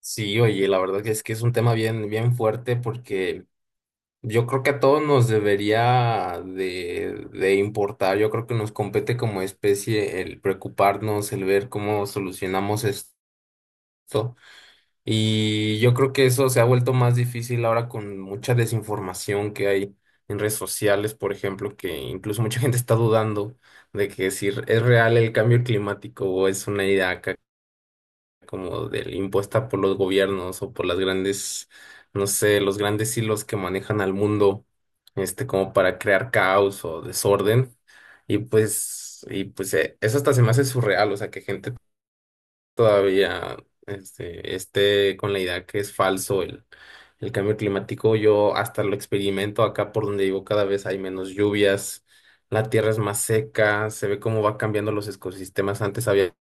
Sí, oye, la verdad que es un tema bien fuerte porque yo creo que a todos nos debería de importar. Yo creo que nos compete como especie el preocuparnos, el ver cómo solucionamos esto. Y yo creo que eso se ha vuelto más difícil ahora con mucha desinformación que hay en redes sociales, por ejemplo, que incluso mucha gente está dudando de que si es real el cambio climático o es una idea acá como del impuesta por los gobiernos o por las grandes, no sé, los grandes hilos que manejan al mundo, este, como para crear caos o desorden. Eso hasta se me hace surreal, o sea, que gente todavía esté con la idea que es falso el cambio climático. Yo hasta lo experimento acá por donde vivo, cada vez hay menos lluvias. La tierra es más seca, se ve cómo va cambiando los ecosistemas. Antes había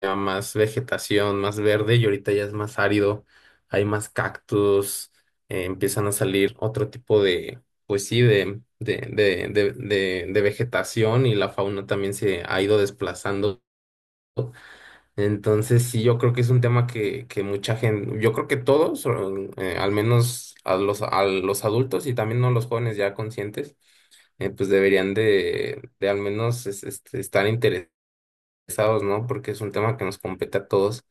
había más vegetación, más verde, y ahorita ya es más árido, hay más cactus. Empiezan a salir otro tipo de, pues sí, de vegetación, y la fauna también se ha ido desplazando. Entonces sí, yo creo que es un tema que mucha gente, yo creo que todos, al menos a los adultos y también no los jóvenes ya conscientes, pues deberían de al menos estar interesados, ¿no? Porque es un tema que nos compete a todos.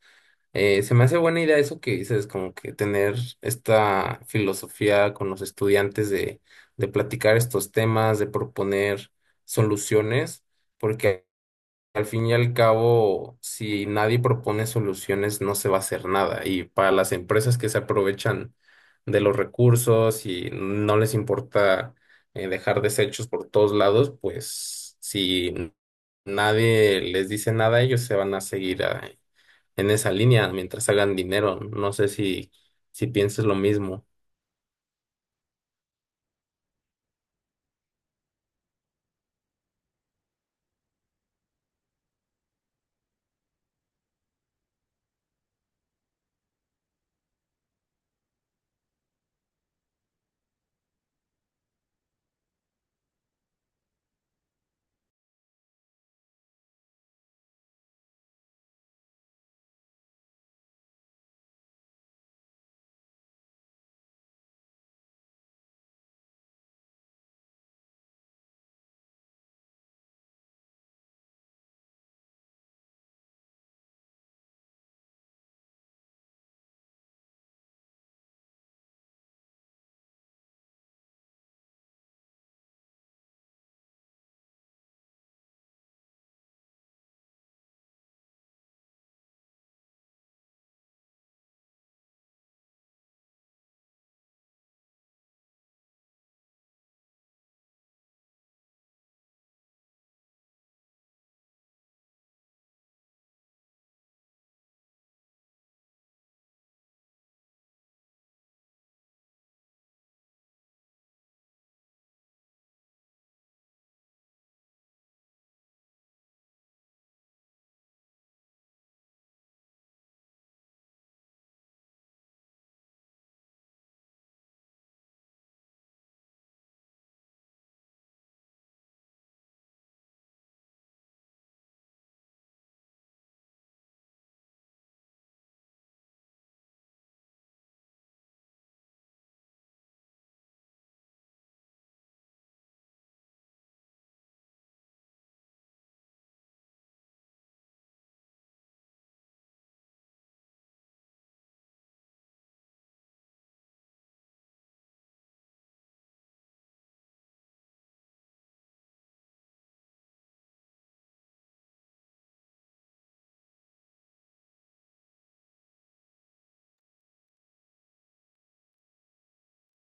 Se me hace buena idea eso que dices, como que tener esta filosofía con los estudiantes de platicar estos temas, de proponer soluciones, porque al fin y al cabo, si nadie propone soluciones, no se va a hacer nada. Y para las empresas que se aprovechan de los recursos y no les importa dejar desechos por todos lados, pues si nadie les dice nada, ellos se van a seguir en esa línea mientras hagan dinero. No sé si pienses lo mismo.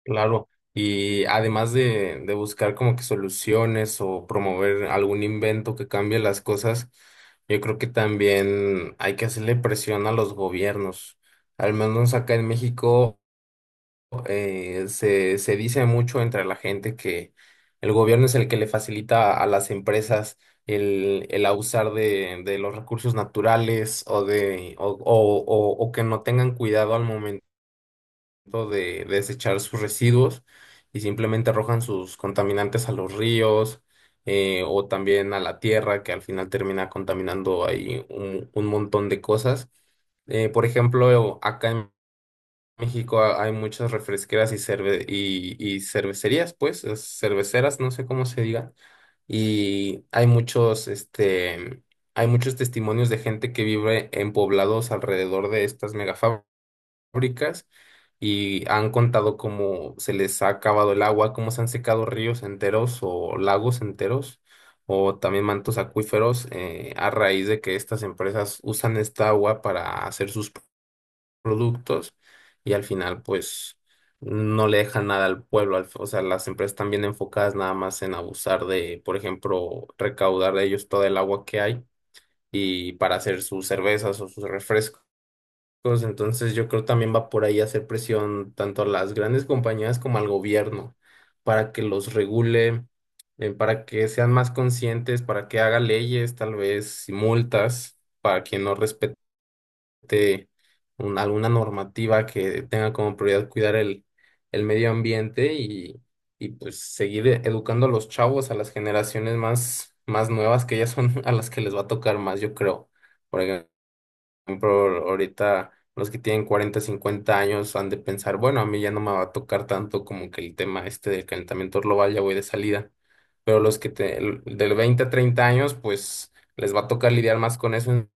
Claro. Y además de buscar como que soluciones o promover algún invento que cambie las cosas, yo creo que también hay que hacerle presión a los gobiernos. Al menos acá en México. Se dice mucho entre la gente que el gobierno es el que le facilita a las empresas el abusar de los recursos naturales o, de, o que no tengan cuidado al momento de desechar sus residuos y simplemente arrojan sus contaminantes a los ríos, o también a la tierra que al final termina contaminando ahí un montón de cosas. Por ejemplo, acá en México hay muchas refresqueras y cervecerías, pues, cerveceras, no sé cómo se diga. Y hay muchos, este, hay muchos testimonios de gente que vive en poblados alrededor de estas megafábricas, y han contado cómo se les ha acabado el agua, cómo se han secado ríos enteros o lagos enteros o también mantos acuíferos, a raíz de que estas empresas usan esta agua para hacer sus productos, y al final pues no le dejan nada al pueblo. O sea, las empresas están bien enfocadas nada más en abusar de, por ejemplo, recaudar de ellos todo el agua que hay y para hacer sus cervezas o sus refrescos. Entonces yo creo también va por ahí hacer presión tanto a las grandes compañías como al gobierno para que los regule, para que sean más conscientes, para que haga leyes, tal vez, y multas para quien no respete este, alguna normativa que tenga como prioridad cuidar el medio ambiente, y pues seguir educando a los chavos, a las generaciones más nuevas, que ya son a las que les va a tocar más, yo creo. Por ejemplo, ahorita los que tienen 40 50 años han de pensar, bueno, a mí ya no me va a tocar tanto como que el tema este del calentamiento global, ya voy de salida. Pero los que del 20 a 30 años, pues les va a tocar lidiar más con eso en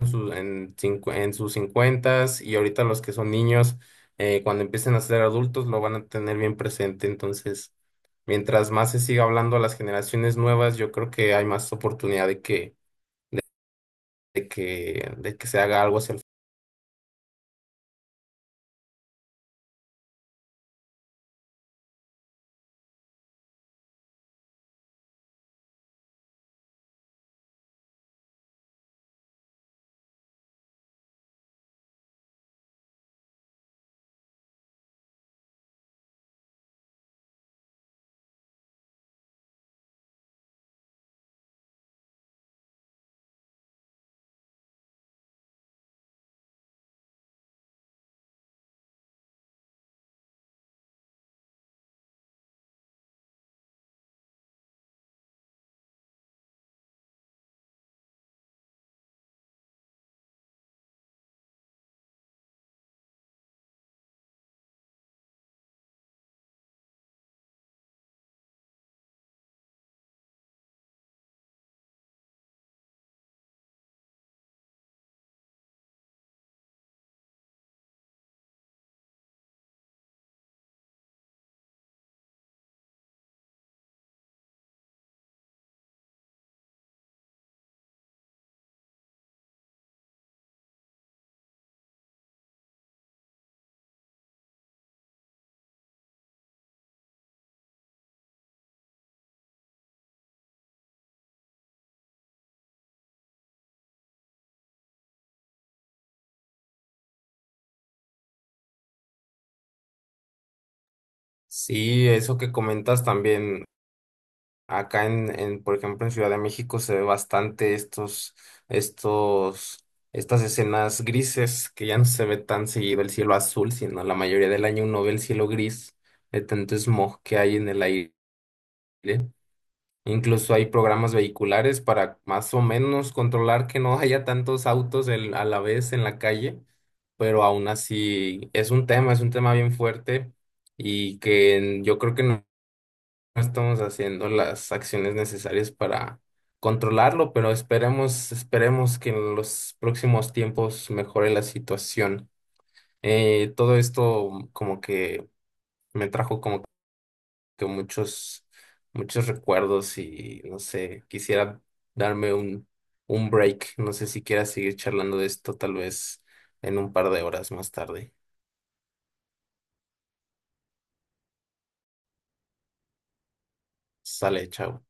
en sus cincuentas, y ahorita los que son niños, cuando empiecen a ser adultos, lo van a tener bien presente. Entonces, mientras más se siga hablando a las generaciones nuevas, yo creo que hay más oportunidad de, de que se haga algo hacia el... Sí, eso que comentas también. Acá por ejemplo, en Ciudad de México se ve bastante estos, estas escenas grises, que ya no se ve tan seguido el cielo azul, sino la mayoría del año uno ve el cielo gris de tanto smog que hay en el aire. Incluso hay programas vehiculares para más o menos controlar que no haya tantos autos a la vez en la calle, pero aún así es un tema bien fuerte, y que yo creo que no estamos haciendo las acciones necesarias para controlarlo, pero esperemos, esperemos que en los próximos tiempos mejore la situación. Todo esto como que me trajo como que muchos, muchos recuerdos, y no sé, quisiera darme un break. No sé si quieras seguir charlando de esto, tal vez en un par de horas más tarde. Sale, chao.